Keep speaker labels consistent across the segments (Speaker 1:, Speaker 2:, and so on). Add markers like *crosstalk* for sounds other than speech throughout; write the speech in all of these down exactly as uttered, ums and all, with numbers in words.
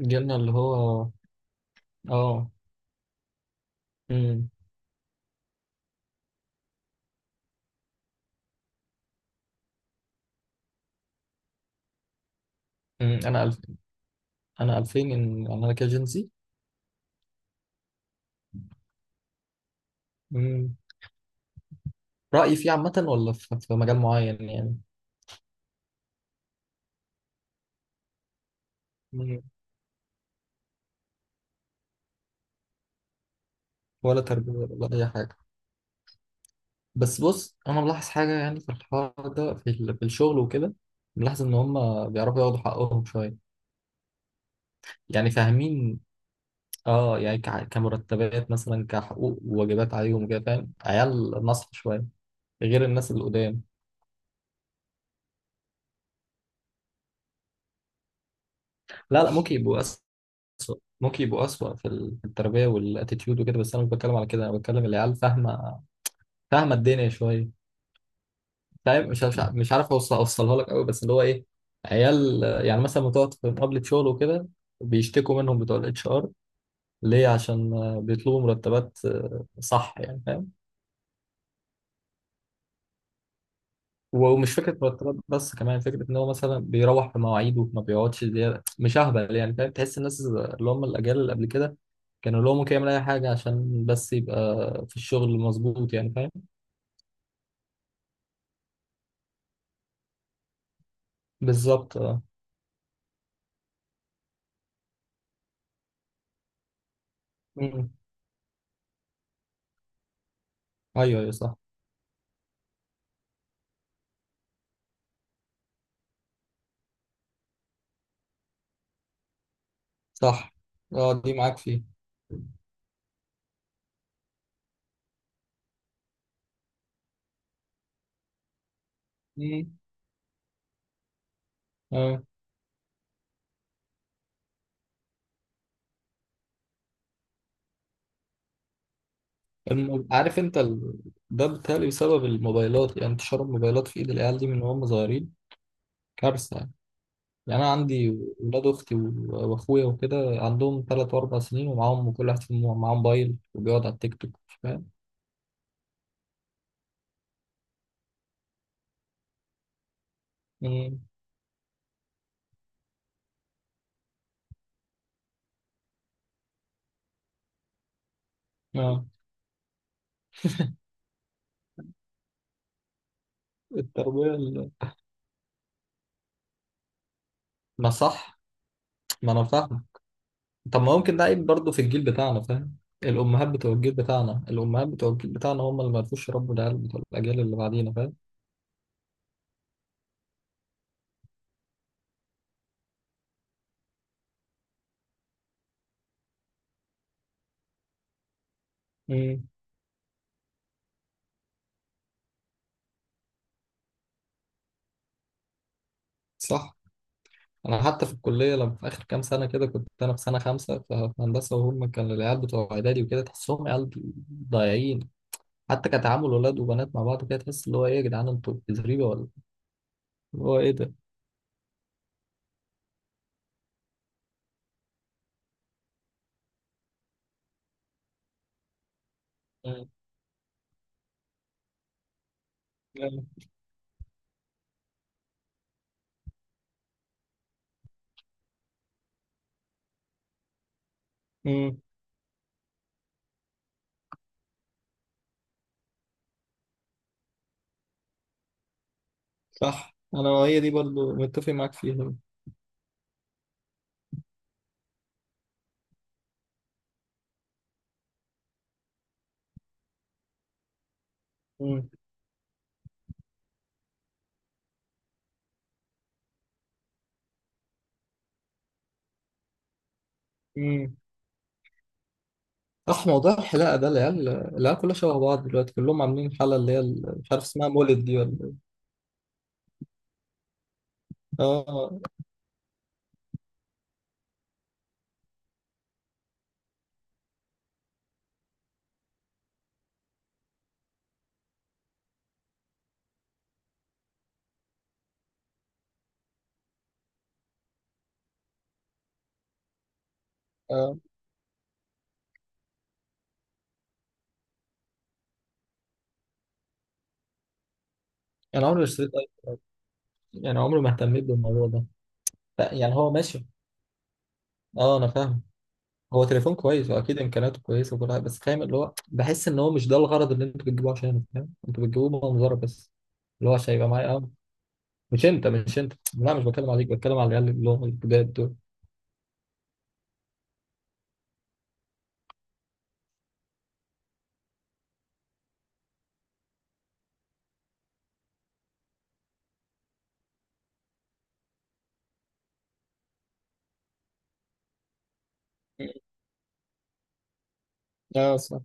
Speaker 1: جيلنا اللي هو. اه امم أمم، انا ألف... انا ألفين إن- يعني انا كده جنسي. امم رأيي فيه عامة، ولا في... في مجال معين يعني؟ أمم، ولا تربية ولا اي حاجة. بس بص، انا ملاحظ حاجة يعني في الحوار ده، في, ال... في الشغل وكده. ملاحظ ان هم بيعرفوا ياخدوا حقهم شوية، يعني فاهمين. اه يعني ك... كمرتبات مثلا، كحقوق وواجبات عليهم كده، فاهم؟ عيال نصح شوية غير الناس اللي قدام. لا لا، ممكن يبقوا أسوأ، ممكن يبقوا أسوأ في ال- في التربية والاتيتيود وكده، بس أنا مش بتكلم على كده. أنا بتكلم العيال فاهمة، فاهمة الدنيا شوية. فاهم؟ مش مش مش عارف أوصل- أوصلها لك قوي، بس اللي هو إيه. عيال، آه، يعني مثلا بتقعد في مقابلة شغل وكده، بيشتكوا منهم بتوع الاتش ار ليه؟ عشان آه، بيطلبوا مرتبات. آه، صح، يعني فاهم. ومش فكرة مرتبات بس، كمان فكرة إن هو مثلا بيروح في مواعيده، ما بيقعدش زيادة، مش أهبل. يعني فاهم، تحس الناس اللي هم الأجيال اللي قبل كده كانوا اللي هو ممكن يعمل أي حاجة عشان بس يبقى في الشغل، مظبوط. يعني فاهم. بالظبط، اه. مم. ايوه، ايوه، صح. صح. اه، دي معاك فيه. مم. اه. الم... عارف انت ال... ده بالتالي بسبب الموبايلات. يعني انتشار الموبايلات في ايد العيال دي من وهم صغيرين، كارثة يعني. يعني انا عندي ولاد اختي و- واخويا وكده عندهم ثلاث واربع سنين، ومعاهم كل واحد فيهم معاه موبايل، وبيقعد على التيك توك. فاهم. مم. اه. التربية ال- ما صح، ما انا فاهم. طب ما ممكن ده عيب برضه في الجيل بتاعنا، فاهم؟ الامهات بتوع الجيل بتاعنا الامهات بتوع الجيل بتاعنا هم اللي ما عرفوش يربوا العيال بتوع الاجيال اللي بعدينا، فاهم؟ امم. صح. انا حتى في الكليه، لما في اخر كام سنه كده، كنت انا في سنه خمسه في هندسه، وهم كان العيال بتوع اعدادي وكده، تحسهم عيال ضايعين. حتى كتعامل ولاد وبنات مع بعض كده، تحس اللي هو ايه، يا جدعان انتوا زريبه ولا اللي هو ايه ده. امم. أيوة. أمم. صح، انا هي دي برضه متفق معاك فيها. امم. اح، موضوع الحلاقه ده، العيال العيال كلها شبه بعض دلوقتي، كلهم عاملين حاله اللي هي ال- مش عارف اسمها مولد دي ولا إيه. اه. اه، يعني عمري ما اشتريت ايفون. يعني عمري ما اهتميت بالموضوع ده. لا، يعني هو ماشي. اه، انا فاهم، هو تليفون كويس، واكيد امكانياته كويسه وكل حاجه، بس فاهم اللي هو بحس ان هو مش ده الغرض اللي انتوا بتجيبوه عشانه. فاهم، انتوا بتجيبوه منظره بس، اللي هو عشان يبقى معايا. اه، مش انت مش انت، لا، مش بتكلم عليك، بتكلم على العيال اللي هم الجداد دول. اه، صح.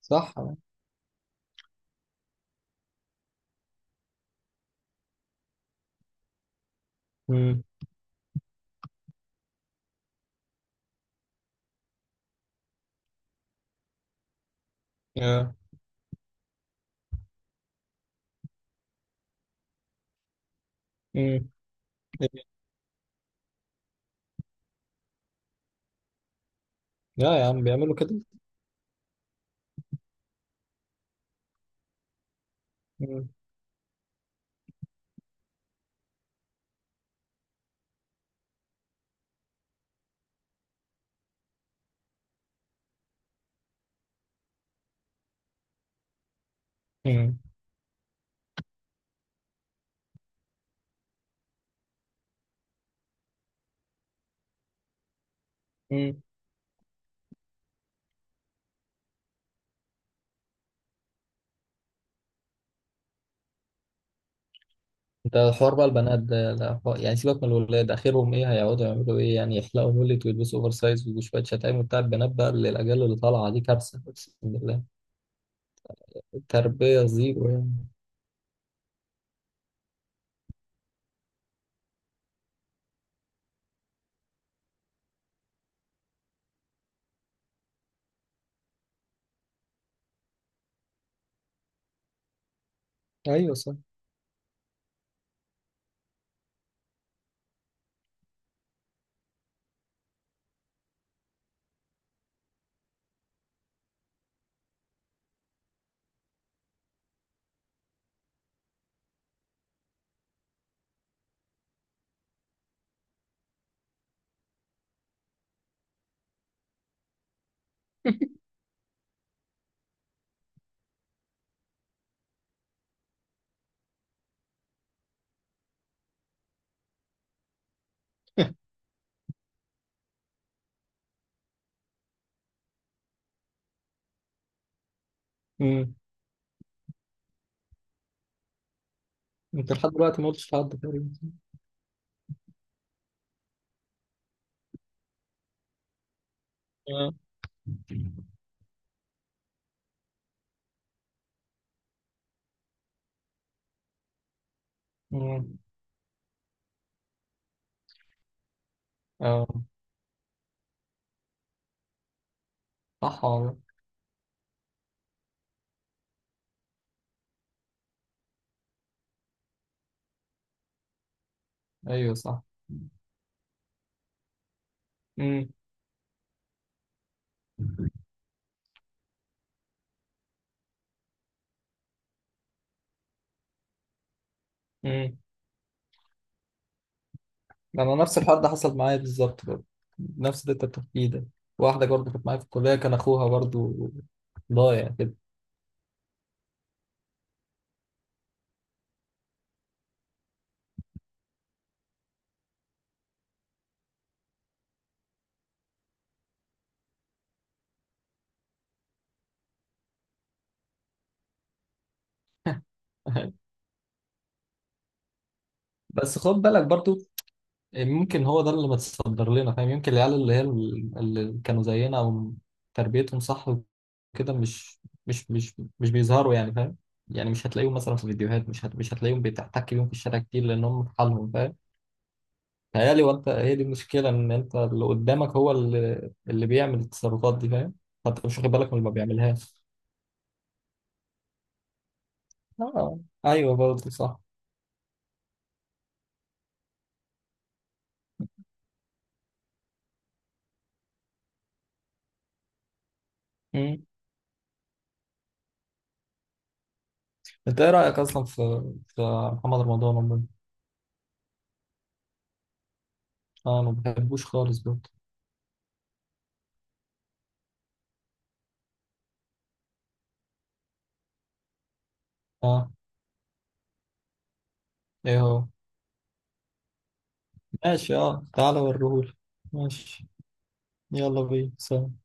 Speaker 1: صح. امم. اه. امم. لا يا عم، بيعملوا كده. مم. مم. انت حوار بقى البنات ده، لا حوار- يعني سيبك من الولاد، اخرهم ايه؟ هيقعدوا يعملوا ايه يعني؟ يحلقوا مولت، ويلبسوا اوفر سايز، وشويه شتايم وبتاع. البنات بقى اللي الاجيال اللي طالعه دي، كارثه اقسم بالله. التربيه زيرو يعني. ايوه، صح. *laughs* امم. انت لحد دلوقتي ما قلتش لحد تقريبا. آه. امم. اه، صح والله. ايوه، صح. امم. امم. انا نفس الحوار ده حصل معايا بالظبط برضه، نفس اللي انت بتحكيه ده. واحده برضه كانت معايا في الكليه، كان اخوها برضه ضايع كده. *laughs* بس خد بالك برضو، ممكن هو ده اللي متصدر لنا، فاهم؟ يمكن العيال اللي هي اللي كانوا زينا، او تربيتهم صح وكده، مش مش مش مش بيظهروا يعني، فاهم؟ يعني مش هتلاقيهم مثلا في فيديوهات، مش هت... مش هتلاقيهم بتحتك بيهم في الشارع كتير، لان هم في حالهم، فاهم؟ تهيألي وانت هي دي المشكله، ان انت اللي قدامك هو اللي اللي بيعمل التصرفات دي، فاهم؟ فانت مش واخد بالك من اللي ما بيعملهاش. اه. ايوه، برضه صح. مم. انت ايه رايك اصلا في في محمد رمضان عموما؟ اه، ما بحبوش خالص برضه. اه، ايه هو؟ ماشي، اه، تعالى وريهولي. ماشي، يلا بينا، سلام.